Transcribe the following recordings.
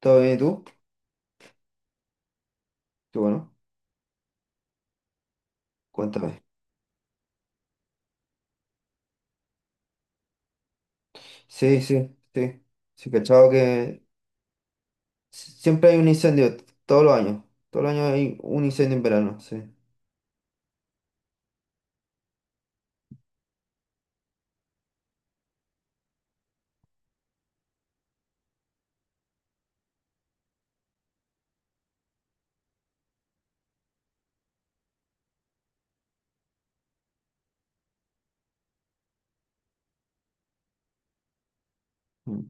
¿Todo bien y tú? Qué bueno, cuéntame. Sí, sí, sí. Sí, cachado que siempre hay un incendio, todos los años. Todos los años hay un incendio en verano, sí. Mm.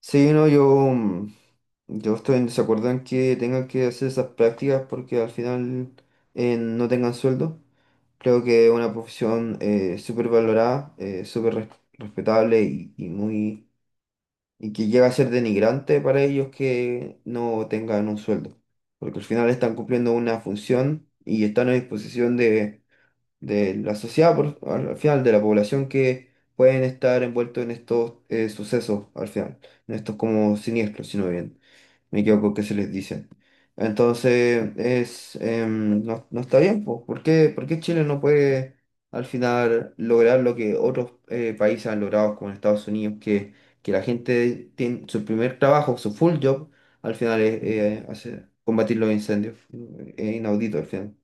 Sí, no, yo, mm, yo estoy en desacuerdo en que tengan que hacer esas prácticas porque al final no tengan sueldo. Creo que es una profesión súper valorada, respetable y muy que llega a ser denigrante para ellos que no tengan un sueldo, porque al final están cumpliendo una función y están a disposición de la sociedad, al final de la población que pueden estar envueltos en estos sucesos, al final, en estos como siniestros, sino bien me equivoco que se les dice. Entonces, no, no está bien, pues. ¿ por qué Chile no puede al final lograr lo que otros países han logrado, como en Estados Unidos, que la gente tiene su primer trabajo, su full job, al final es combatir los incendios? Es inaudito al final.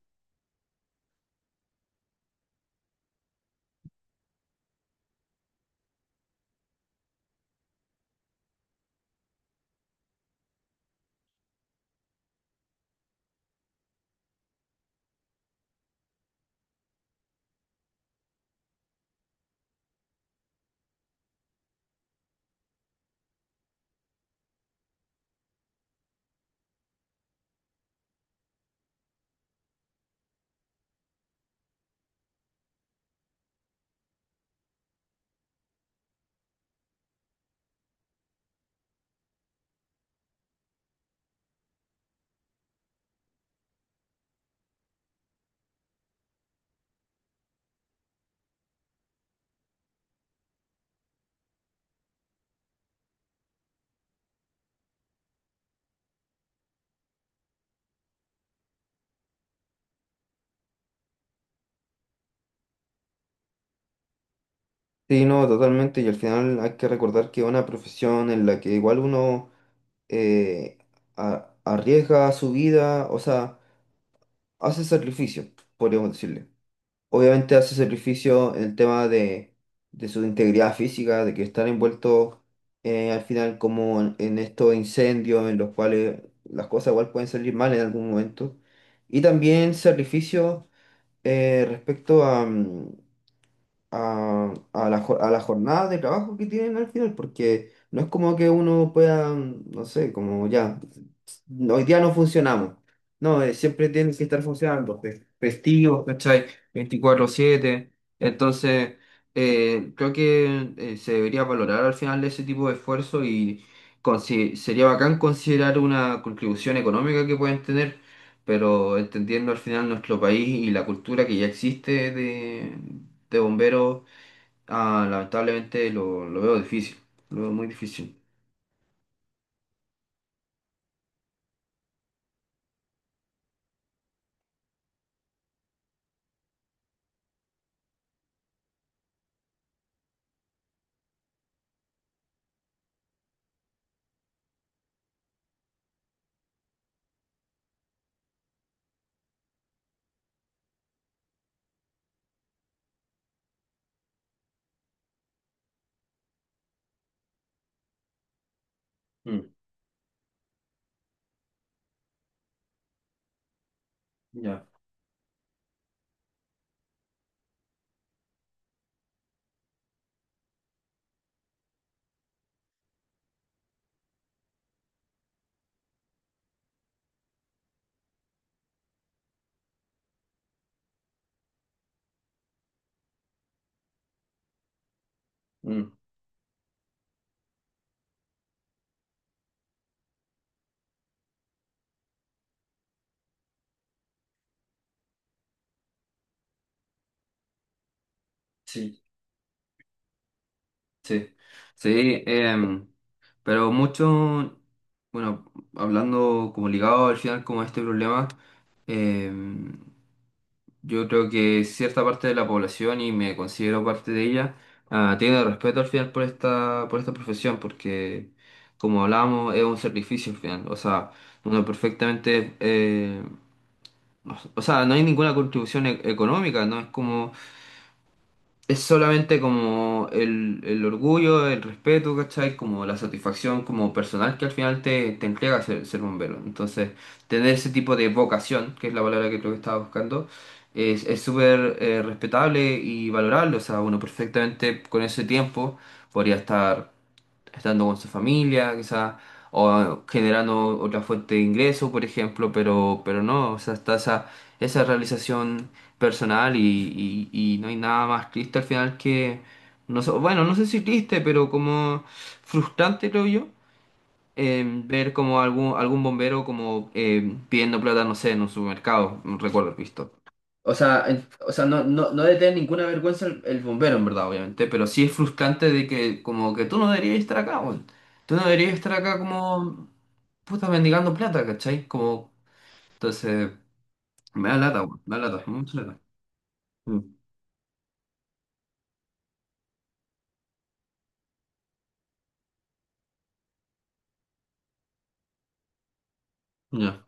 Sí, no, totalmente. Y al final hay que recordar que es una profesión en la que igual uno eh, arriesga su vida, o sea, hace sacrificio, podríamos decirle. Obviamente hace sacrificio en el tema de su integridad física, de que están envueltos al final como en estos incendios en los cuales las cosas igual pueden salir mal en algún momento. Y también sacrificio respecto a la, a la jornada de trabajo que tienen al final, porque no es como que uno pueda, no sé, como ya, hoy día no funcionamos. No, siempre tienen que estar funcionando, festivos, cachai, 24/7. Entonces, creo que se debería valorar al final ese tipo de esfuerzo y sería bacán considerar una contribución económica que pueden tener, pero entendiendo al final nuestro país y la cultura que ya existe de bomberos. Ah, lamentablemente lo veo difícil, lo veo muy difícil. Mm, ya, mm, sí, sí, sí, pero mucho, bueno, hablando como ligado al final como a este problema, em, yo creo que cierta parte de la población, y me considero parte de ella, tiene respeto al final por esta profesión, porque como hablábamos, es un sacrificio al final. O sea, uno perfectamente o sea, no hay ninguna contribución económica, ¿no? Es como, es solamente como el orgullo, el respeto, ¿cachai? Como la satisfacción como personal que al final te entrega ser bombero. Entonces, tener ese tipo de vocación, que es la palabra que creo que estaba buscando, es súper respetable y valorable. O sea, uno perfectamente con ese tiempo podría estar estando con su familia, quizás, o generando otra fuente de ingreso, por ejemplo, pero no, o sea, está esa, esa realización personal y no hay nada más triste al final que, no sé, bueno, no sé si triste, pero como frustrante, creo yo, ver como algún bombero como pidiendo plata, no sé, en un supermercado, no recuerdo haber visto. O sea, no, no, no debe tener ninguna vergüenza el bombero, en verdad, obviamente, pero sí es frustrante de que como que tú no deberías estar acá, weón. Tú no deberías estar acá como puta mendigando plata, ¿cachai? Como, entonces, me da lata, weón, me da lata, me da mucha lata. Mm, ya.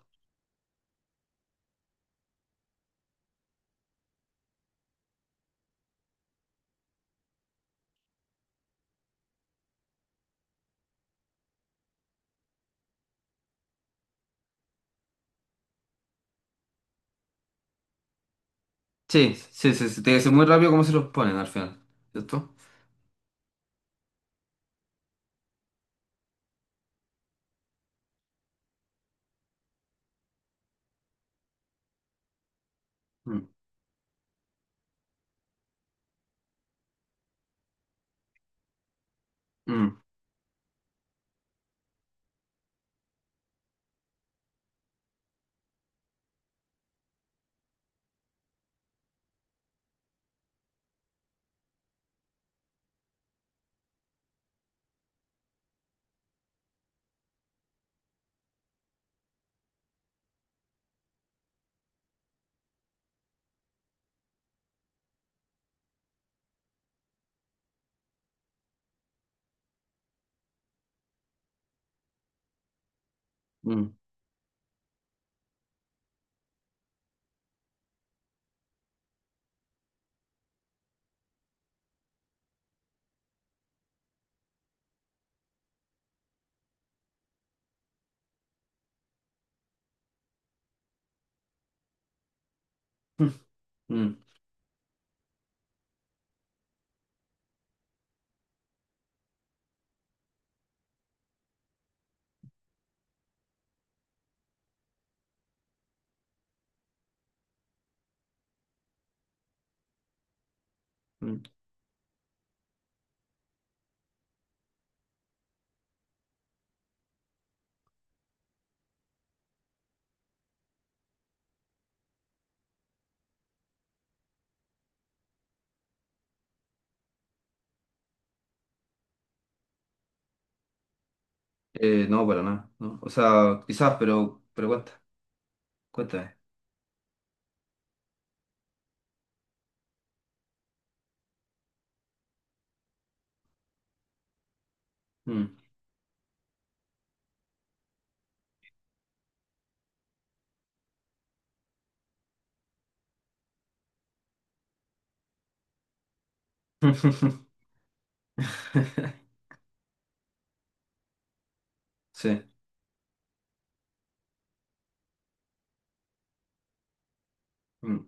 Sí, sí, sí, sí, tiene que ser muy rápido cómo se los ponen al final, ¿cierto? Mm, mm, mm, mm, mm, mm. No, para nada, ¿no? O sea, quizás, pero cuenta, cuéntame. Mm. Sí, mm,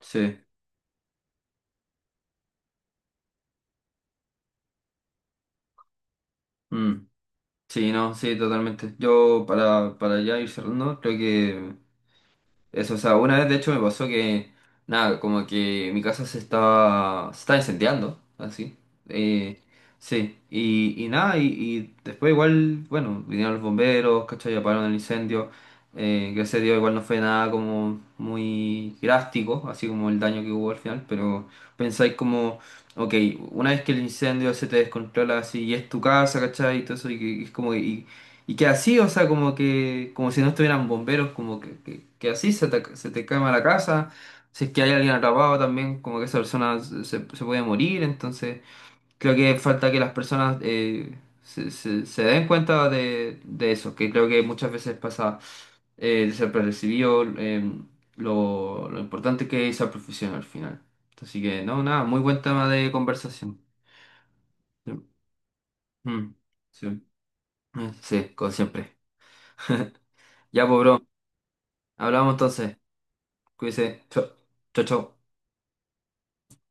sí, mm. Sí, no, sí, totalmente. Yo para ya ir cerrando, creo que eso, o sea, una vez de hecho me pasó que, nada, como que mi casa se estaba incendiando, así. Eh, sí, y nada, y después igual, bueno, vinieron los bomberos, ¿cachai? Apagaron el incendio. Gracias a Dios igual no fue nada como muy drástico, así como el daño que hubo al final, pero pensáis como, ok, una vez que el incendio se te descontrola así y es tu casa, ¿cachai? Y todo eso, y es como, y que así, o sea, como que, como si no estuvieran bomberos, como que así se te quema la casa. Si es que hay alguien atrapado también, como que esa persona se, se puede morir. Entonces, creo que falta que las personas se den cuenta de eso, que creo que muchas veces pasa eh, de eh, lo importante que es esa profesión al final. Así que, no, nada, muy buen tema de conversación. Sí, Mm, sí. Sí, como siempre. Ya, pues, bro. Hablamos entonces. Cuídese. Chao, chao. Chao.